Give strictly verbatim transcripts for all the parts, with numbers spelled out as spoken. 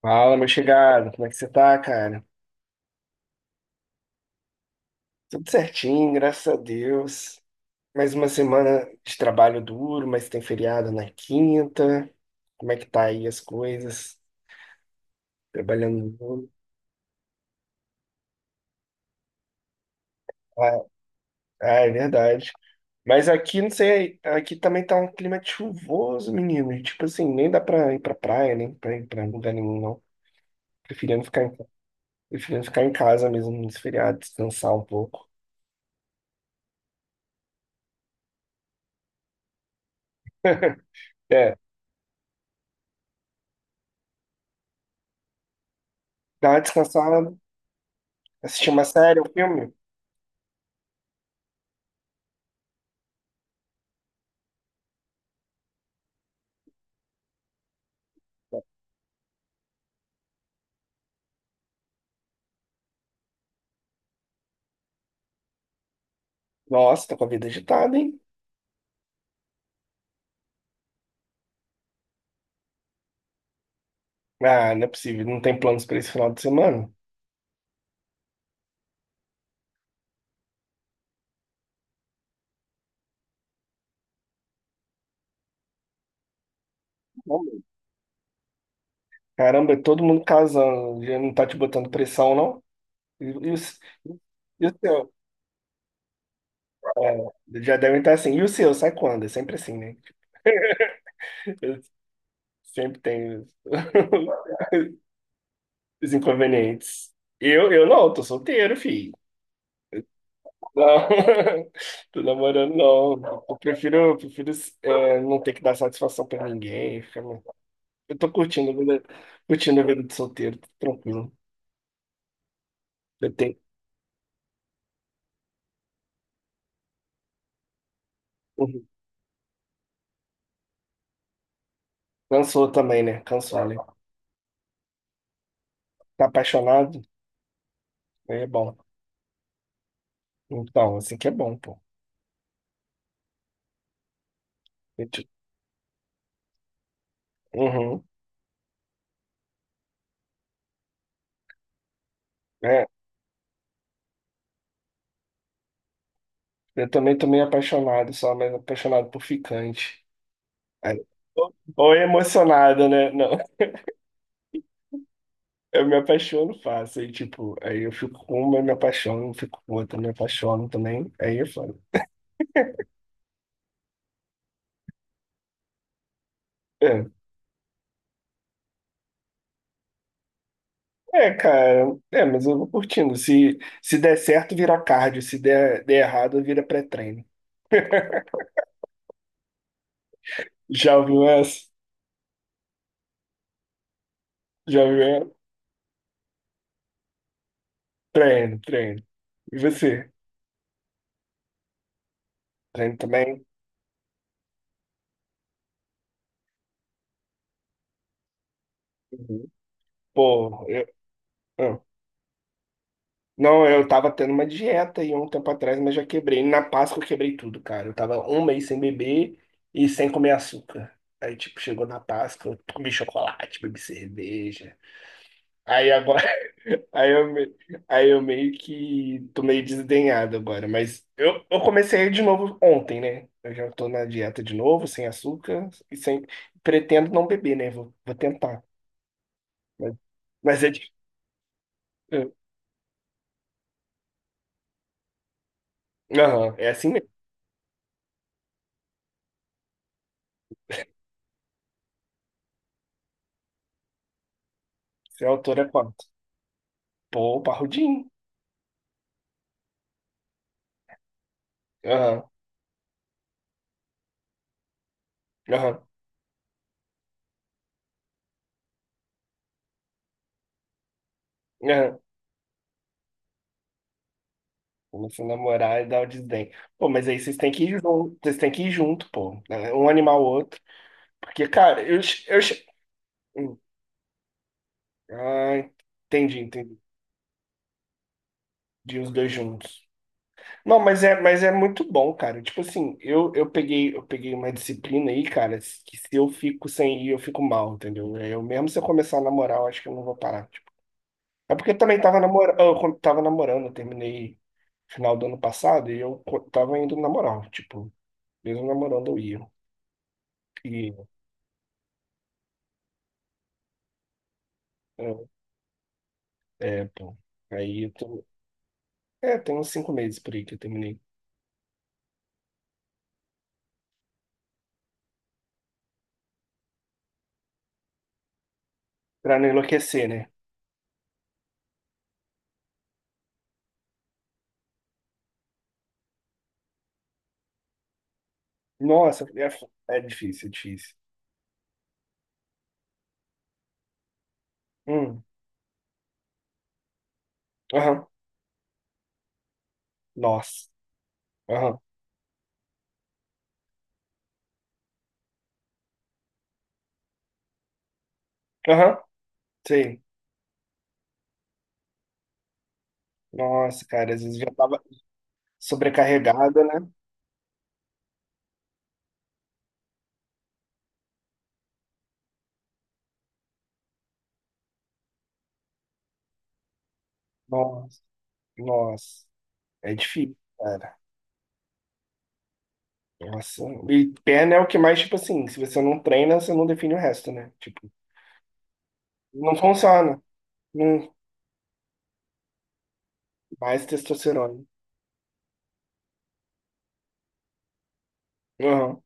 Fala, meu chegado, como é que você tá, cara? Tudo certinho, graças a Deus. Mais uma semana de trabalho duro, mas tem feriado na quinta. Como é que tá aí as coisas? Trabalhando muito. Ah, ah, é verdade. Mas aqui, não sei, aqui também tá um clima de chuvoso, menino. E, tipo assim, nem dá pra ir pra praia, nem pra ir pra lugar nenhum, não. Preferindo ficar em, preferindo ficar em casa mesmo nesse feriado, descansar um pouco. É, dá uma descansada, assistir uma série, um filme. Nossa, tá com a vida agitada, hein? Ah, não é possível. Não tem planos pra esse final de semana? Não, meu. Caramba, é todo mundo casando. Já não tá te botando pressão, não? E, e o, s- e o seu? É, já devem estar assim. E o seu? Sai quando? É sempre assim, né? Eu sempre tenho os os inconvenientes. Eu, eu não, tô solteiro, filho. Não, tô namorando, não. Eu prefiro, eu prefiro é, não ter que dar satisfação pra ninguém. Ficar Eu tô curtindo a vida, curtindo a vida de solteiro, tô tranquilo. Eu tenho. Uhum. Cansou também, né? Cansou, né? Tá apaixonado? Aí é bom. Então, assim que é bom, pô. Eu te- Uhum. É, eu também tô meio apaixonado, só mais apaixonado por ficante. Aí- Ou ou é emocionado, né? Não. Eu me apaixono fácil. Aí, tipo, aí eu fico com uma, eu me apaixono, fico com outra, me apaixono também. Aí eu falo. É, cara, é, mas eu vou curtindo. Se, se der certo, vira cardio. Se der, der errado, vira pré-treino. Já ouviu essa? Já ouviu essa? Treino, treino. E você? Treino também? Uhum. Pô, eu, ah. não, eu tava tendo uma dieta aí um tempo atrás, mas já quebrei. Na Páscoa eu quebrei tudo, cara. Eu tava um mês sem beber e sem comer açúcar. Aí, tipo, chegou na Páscoa, eu comi chocolate, bebi cerveja. Aí agora. Aí eu, me- aí eu meio que tô meio desdenhado agora, mas eu, eu comecei de novo ontem, né? Eu já tô na dieta de novo, sem açúcar e sem. Pretendo não beber, né? Vou, vou tentar. Mas, mas é difícil. Aham, é assim mesmo. Você é autor é quanto? Pô, parrudinho. Aham, aham, aham. Começa a namorar e dá o desdém. Pô, mas aí vocês têm que ir junto, vocês têm que ir junto, pô, né? Um animal o outro. Porque, cara, eu. che- eu che- Hum, Ah, entendi, entendi. De os dois juntos. Não, mas é, mas é muito bom, cara. Tipo assim, eu, eu peguei, eu peguei uma disciplina aí, cara, que se eu fico sem ir, eu fico mal, entendeu? É, eu mesmo se eu começar a namorar, eu acho que eu não vou parar. Tipo. É porque eu também tava namorando, eu tava namorando, eu terminei final do ano passado e eu co- tava indo na moral, tipo, mesmo namorando eu ia. E é, é, pô, aí eu tô, é, tem uns cinco meses por aí que eu terminei. Pra não enlouquecer, né? Nossa, é, é difícil, é difícil. Hum, aham, nossa, aham. Aham. Sei. Nossa, cara, às vezes já tava sobrecarregada, né? Nossa, nossa. É difícil, cara. Nossa. E perna é o que mais, tipo assim, se você não treina, você não define o resto, né? Tipo, não funciona. Hum, mais testosterona. Uhum.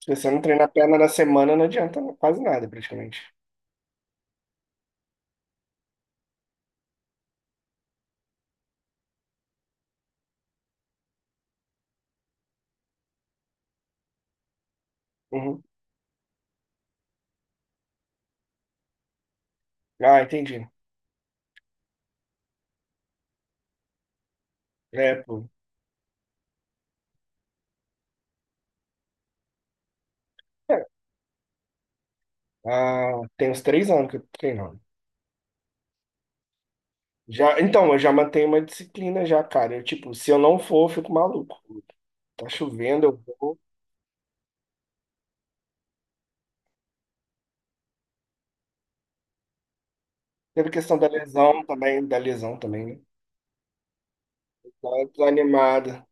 Se você não treinar a perna na semana, não adianta quase nada, praticamente. Uhum. Ah, entendi. É, pô. É. Ah, tem uns três anos que eu tô treinando. Já, então, eu já mantenho uma disciplina já, cara. Eu, tipo, se eu não for, eu fico maluco. Tá chovendo, eu vou. Teve questão da lesão também, da lesão também, né? Tá desanimada.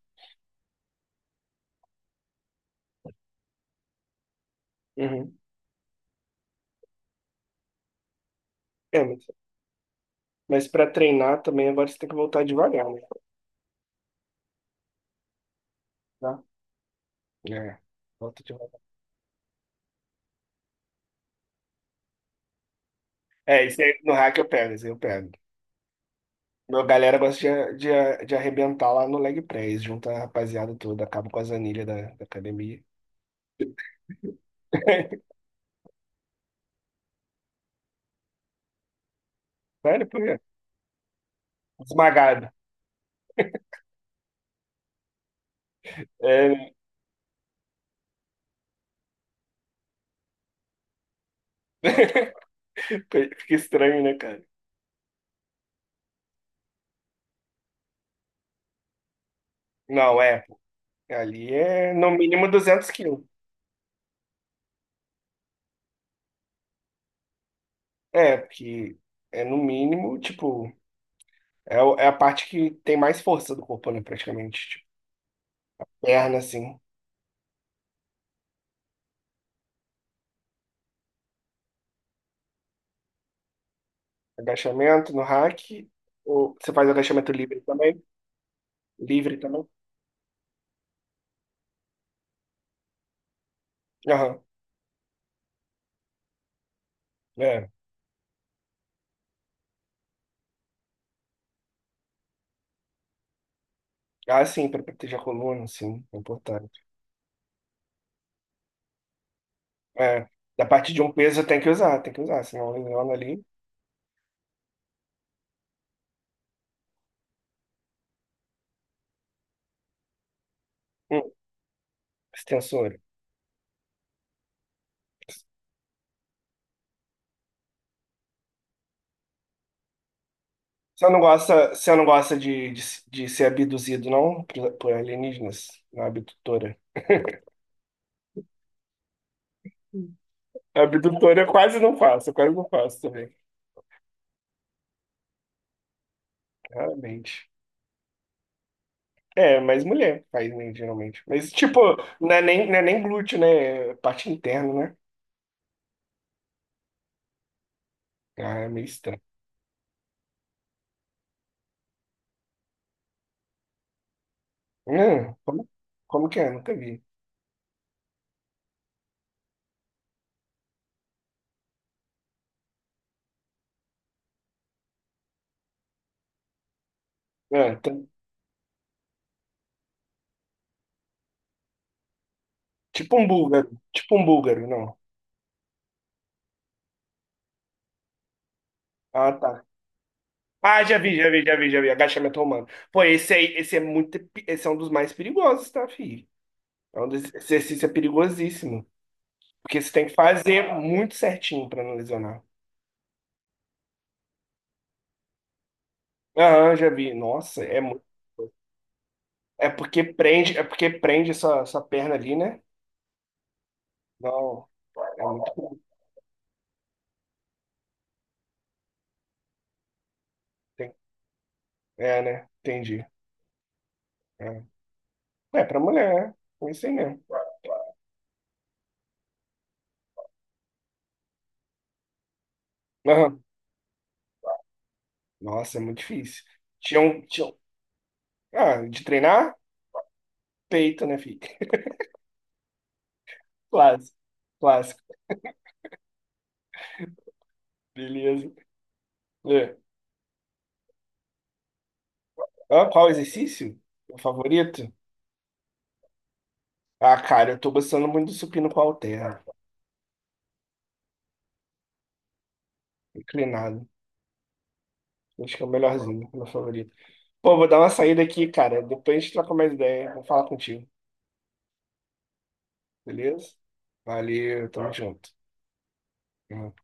Uhum. É, mas, mas para treinar também agora você tem que voltar devagar, né? Tá? É, volta devagar. É, isso aí no hack eu pego, isso aí eu pego. Meu galera gosta de, de, de arrebentar lá no leg press, junta a rapaziada toda, acaba com as anilhas da, da academia. Sério, por quê? Esmagado. É, né? Fica estranho, né, cara? Não, é. Ali é no mínimo duzentos quilos. É, porque é no mínimo, tipo, é, o- é a parte que tem mais força do corpo, né, praticamente. Tipo, perna, assim. Agachamento no rack. Ou você faz agachamento livre também? Livre também? Aham. É. Ah, sim, pra proteger a coluna, sim, é importante. É. Da parte de um peso tem que usar, tem que usar, senão lesiona ali. Hum, extensor. Você não gosta, você não gosta de, de, de ser abduzido, não? Por, por alienígenas, na abdutora. Abdutor eu quase não faço, eu quase não faço também, realmente. É, mas mulher faz, né, geralmente. Mas, tipo, não é nem, não é nem glúteo, né? É parte interna, né? Ah, é meio estranho. Hum, como, como que é? Nunca vi. Ah, tá- tipo um búlgaro. Tipo um búlgaro, não. Ah, tá. Ah, já vi, já vi, já vi, já vi. Agachamento romano. Pô, esse aí, esse é muito, pe- esse é um dos mais perigosos, tá, filho? É um dos, esse exercício é perigosíssimo. Porque você tem que fazer muito certinho pra não lesionar. Aham, já vi. Nossa, é. É porque prende, é porque prende essa, essa perna ali, né? Não, é muito. tem- é, né? Entendi. É, é pra mulher, né? É isso aí mesmo. Aham. Nossa, é muito difícil. Tinha um, tinha um- Ah, de treinar? Peito, né, filho? Clássico, clássico. Beleza. É. Ah, qual exercício? Meu favorito? Ah, cara, eu tô gostando muito do supino com halter. Inclinado. Acho que é o melhorzinho, meu favorito. Pô, vou dar uma saída aqui, cara. Depois a gente troca mais ideia. Vou falar contigo. Beleza? Valeu, tamo junto. Uhum.